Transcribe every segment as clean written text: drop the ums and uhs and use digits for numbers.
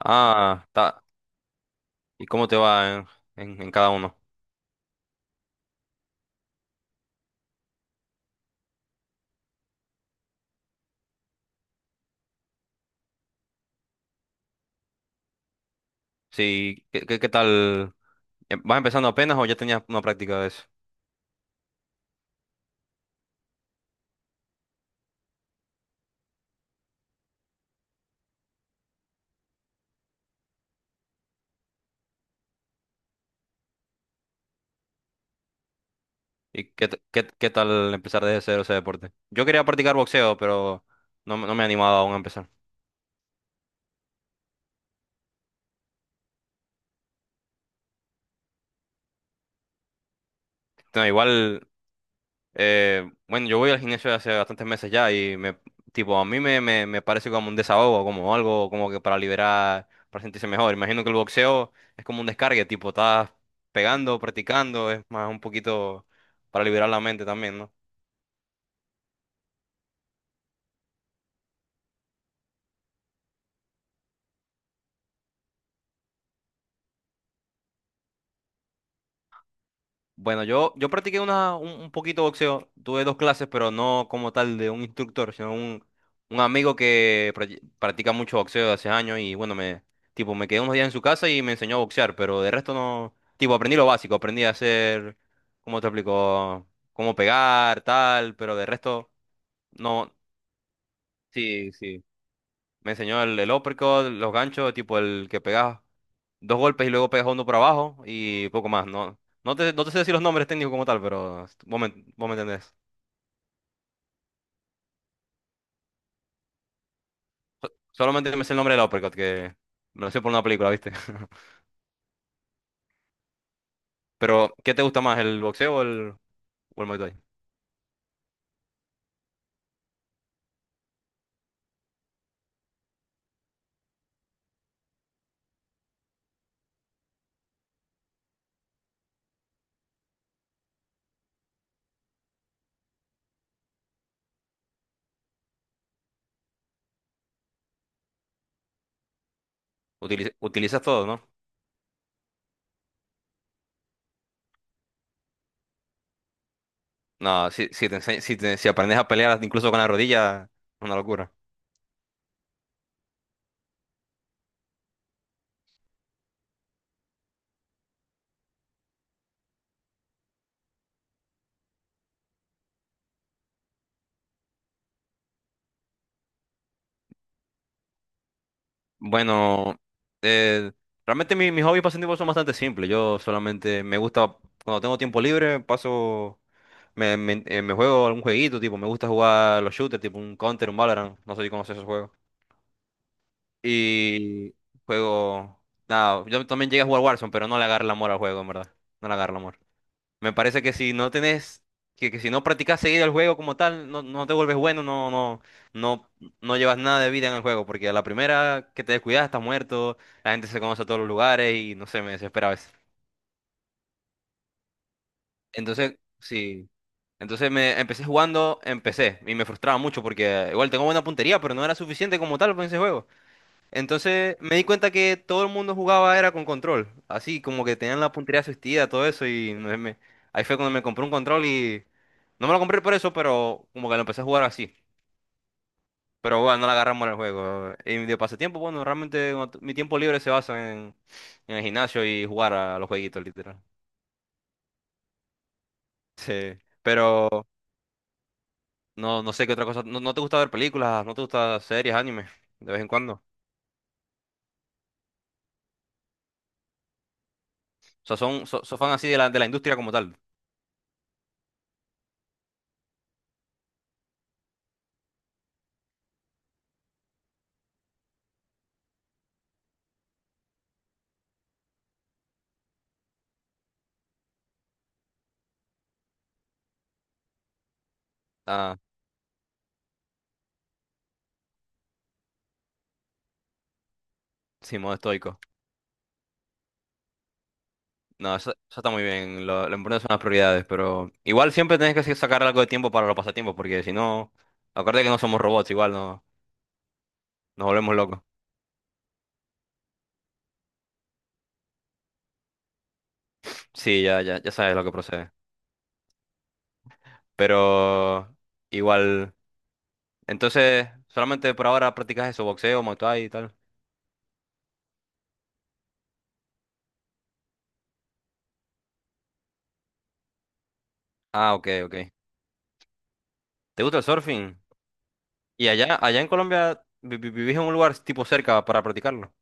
Ah, está. ¿Y cómo te va en cada uno? Sí, ¿qué tal? ¿Vas empezando apenas o ya tenías una práctica de eso? ¿Y qué tal empezar desde cero ese deporte? Yo quería practicar boxeo, pero no, me no me he animado aún a empezar. No, igual. Bueno, yo voy al gimnasio hace bastantes meses ya y tipo, a me parece como un desahogo, como algo como que para liberar, para sentirse mejor. Imagino que el boxeo es como un descargue, tipo, estás pegando, practicando, es más un poquito para liberar la mente también, ¿no? Bueno, yo practiqué un poquito boxeo. Tuve dos clases, pero no como tal de un instructor, sino un amigo que practica mucho boxeo de hace años y bueno, tipo, me quedé unos días en su casa y me enseñó a boxear, pero de resto no, tipo, aprendí lo básico, aprendí a hacer, ¿cómo te explico? Cómo pegar, tal, pero de resto no, sí, sí. Me enseñó el uppercut, los ganchos, tipo el que pegás dos golpes y luego pegas uno por abajo y poco más. No, no te sé decir los nombres técnicos como tal, pero vos me entendés. Solamente me sé el nombre del uppercut, que me lo sé por una película, ¿viste? Pero ¿qué te gusta más, el boxeo o o el Muay Thai? Utilizas todo, ¿no? No, te ense- si, te- si aprendes a pelear incluso con la rodilla, es una locura. Bueno, eh, realmente mis hobbies pasatiempos son bastante simples. Yo solamente me gusta, cuando tengo tiempo libre, paso... Me juego algún jueguito, tipo, me gusta jugar los shooters, tipo un Counter, un Valorant, no sé si conoces esos juegos. Y juego... Nada, yo también llegué a jugar Warzone, pero no le agarro el amor al juego, en verdad. No le agarro el amor. Me parece que si no tenés... Que si no practicas seguido el juego como tal, no te vuelves bueno, no, no llevas nada de vida en el juego, porque a la primera que te descuidas estás muerto, la gente se conoce a todos los lugares y no sé, me desespera a veces. Entonces, sí. Entonces me empecé jugando, empecé y me frustraba mucho porque igual tengo buena puntería, pero no era suficiente como tal para ese juego. Entonces me di cuenta que todo el mundo jugaba era con control, así como que tenían la puntería asistida, todo eso y ahí fue cuando me compré un control y no me lo compré por eso, pero como que lo empecé a jugar así. Pero bueno, no le agarramos el juego. Y de pasatiempo, bueno, realmente cuando mi tiempo libre se basa en el gimnasio y jugar a los jueguitos, literal. Sí. Pero no, no sé qué otra cosa. No, no te gusta ver películas, no te gusta series, anime, de vez en cuando. O sea, so fan así de de la industria como tal. Ah, sí, modo estoico. No, eso está muy bien. Lo importante son las prioridades, pero igual siempre tenés que sacar algo de tiempo para los pasatiempos, porque si no, acuérdate que no somos robots, igual no, nos volvemos locos. Sí, ya sabes lo que procede. Pero igual, entonces, solamente por ahora practicas eso, boxeo, Muay Thai y tal. Ah, ok, ok. ¿Te gusta el surfing? Y allá en Colombia, ¿vivís en un lugar tipo cerca para practicarlo?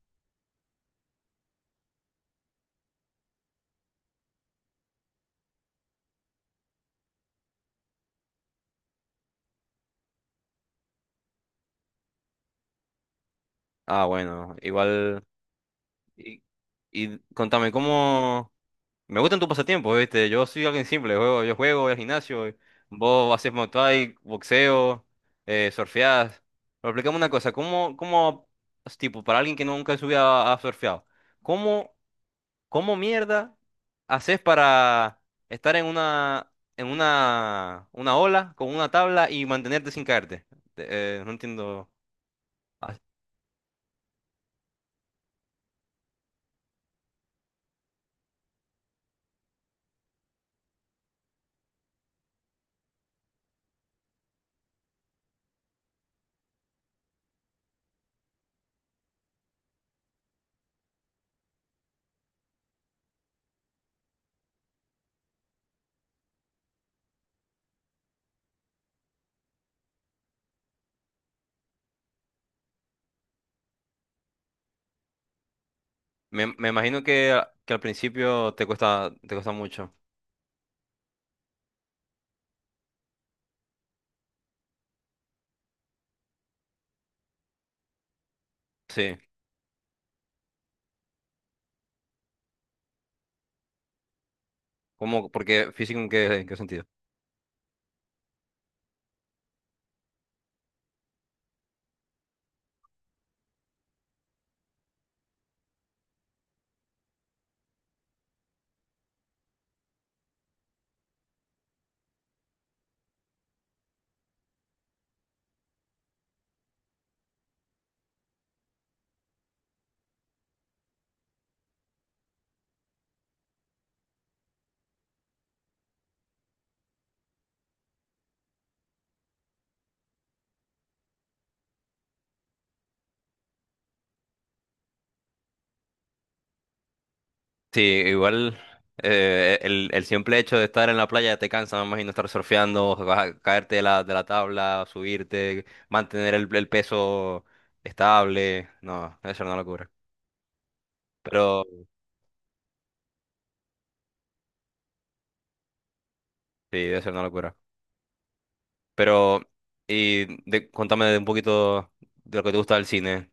Ah, bueno, igual. Y, y contame, ¿cómo? Me gustan tus pasatiempos, ¿viste? Yo soy alguien simple, juego, yo juego, voy al gimnasio, vos haces Muay Thai, boxeo, surfeás. Pero explícame una cosa, tipo, para alguien que nunca en su vida ha surfeado, ¿cómo? ¿Cómo mierda haces para estar en una ola con una tabla y mantenerte sin caerte? No entiendo. Ah, me imagino que al principio te cuesta mucho. Sí. ¿Cómo? Porque físico en qué sentido. Sí, igual el simple hecho de estar en la playa te cansa, me imagino estar surfeando, vas a caerte de de la tabla, subirte, mantener el peso estable. No, debe ser una locura. Pero sí, debe ser una locura. Pero, y contame de un poquito de lo que te gusta del cine.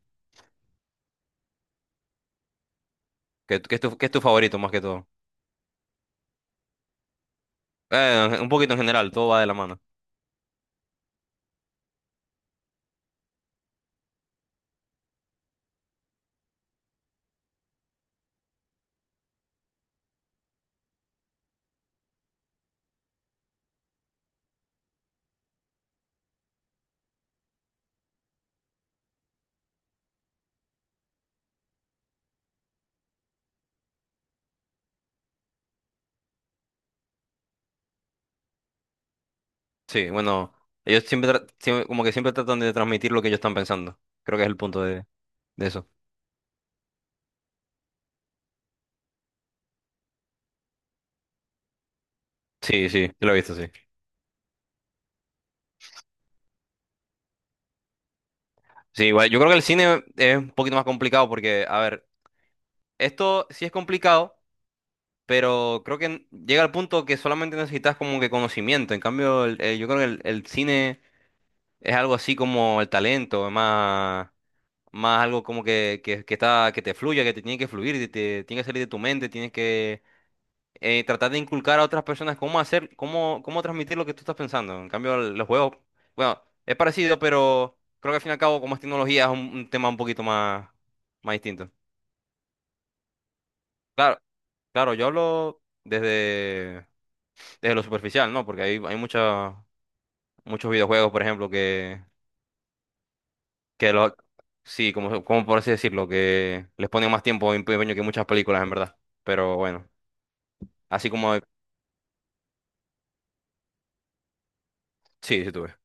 ¿Qué, qué es tu favorito más que todo? Un poquito en general, todo va de la mano. Sí, bueno, ellos siempre, como que siempre tratan de transmitir lo que ellos están pensando. Creo que es el punto de eso. Sí, sí, yo lo he visto, sí. Sí, igual, yo creo que el cine es un poquito más complicado porque, a ver, esto sí es complicado, pero creo que llega al punto que solamente necesitas como que conocimiento. En cambio, yo creo que el cine... Es algo así como el talento, más algo como que, que está, que te fluya, que te tiene que fluir, te tiene que salir de tu mente, tienes que tratar de inculcar a otras personas cómo hacer, cómo transmitir lo que tú estás pensando. En cambio, los juegos, bueno, es parecido, pero creo que al fin y al cabo, como es tecnología, es un tema un poquito más, más distinto. Claro, claro, yo hablo desde, desde lo superficial, ¿no? Porque hay muchos videojuegos, por ejemplo, Que lo, sí, como por así decirlo, que les ponen más tiempo y empeño que muchas películas, en verdad. Pero bueno, así como... Sí, sí tuve.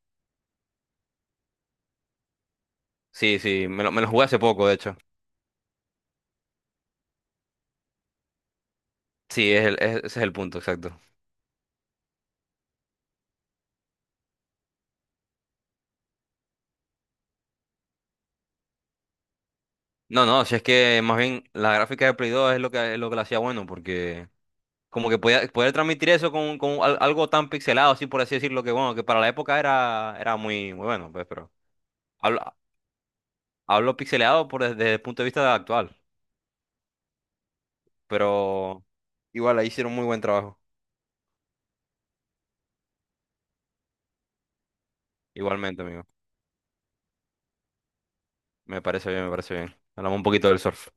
Sí, sí, me lo jugué hace poco, de hecho. Sí, es ese es el punto, exacto. No, no, si es que más bien la gráfica de Play 2 es lo que la hacía bueno, porque como que podía, poder transmitir eso con algo tan pixelado, así por así decirlo, que bueno, que para la época era, era muy, muy bueno, pues, pero hablo, hablo pixelado por, desde el punto de vista actual, pero igual ahí hicieron muy buen trabajo, igualmente, amigo. Me parece bien, me parece bien. Hablamos un poquito del surf.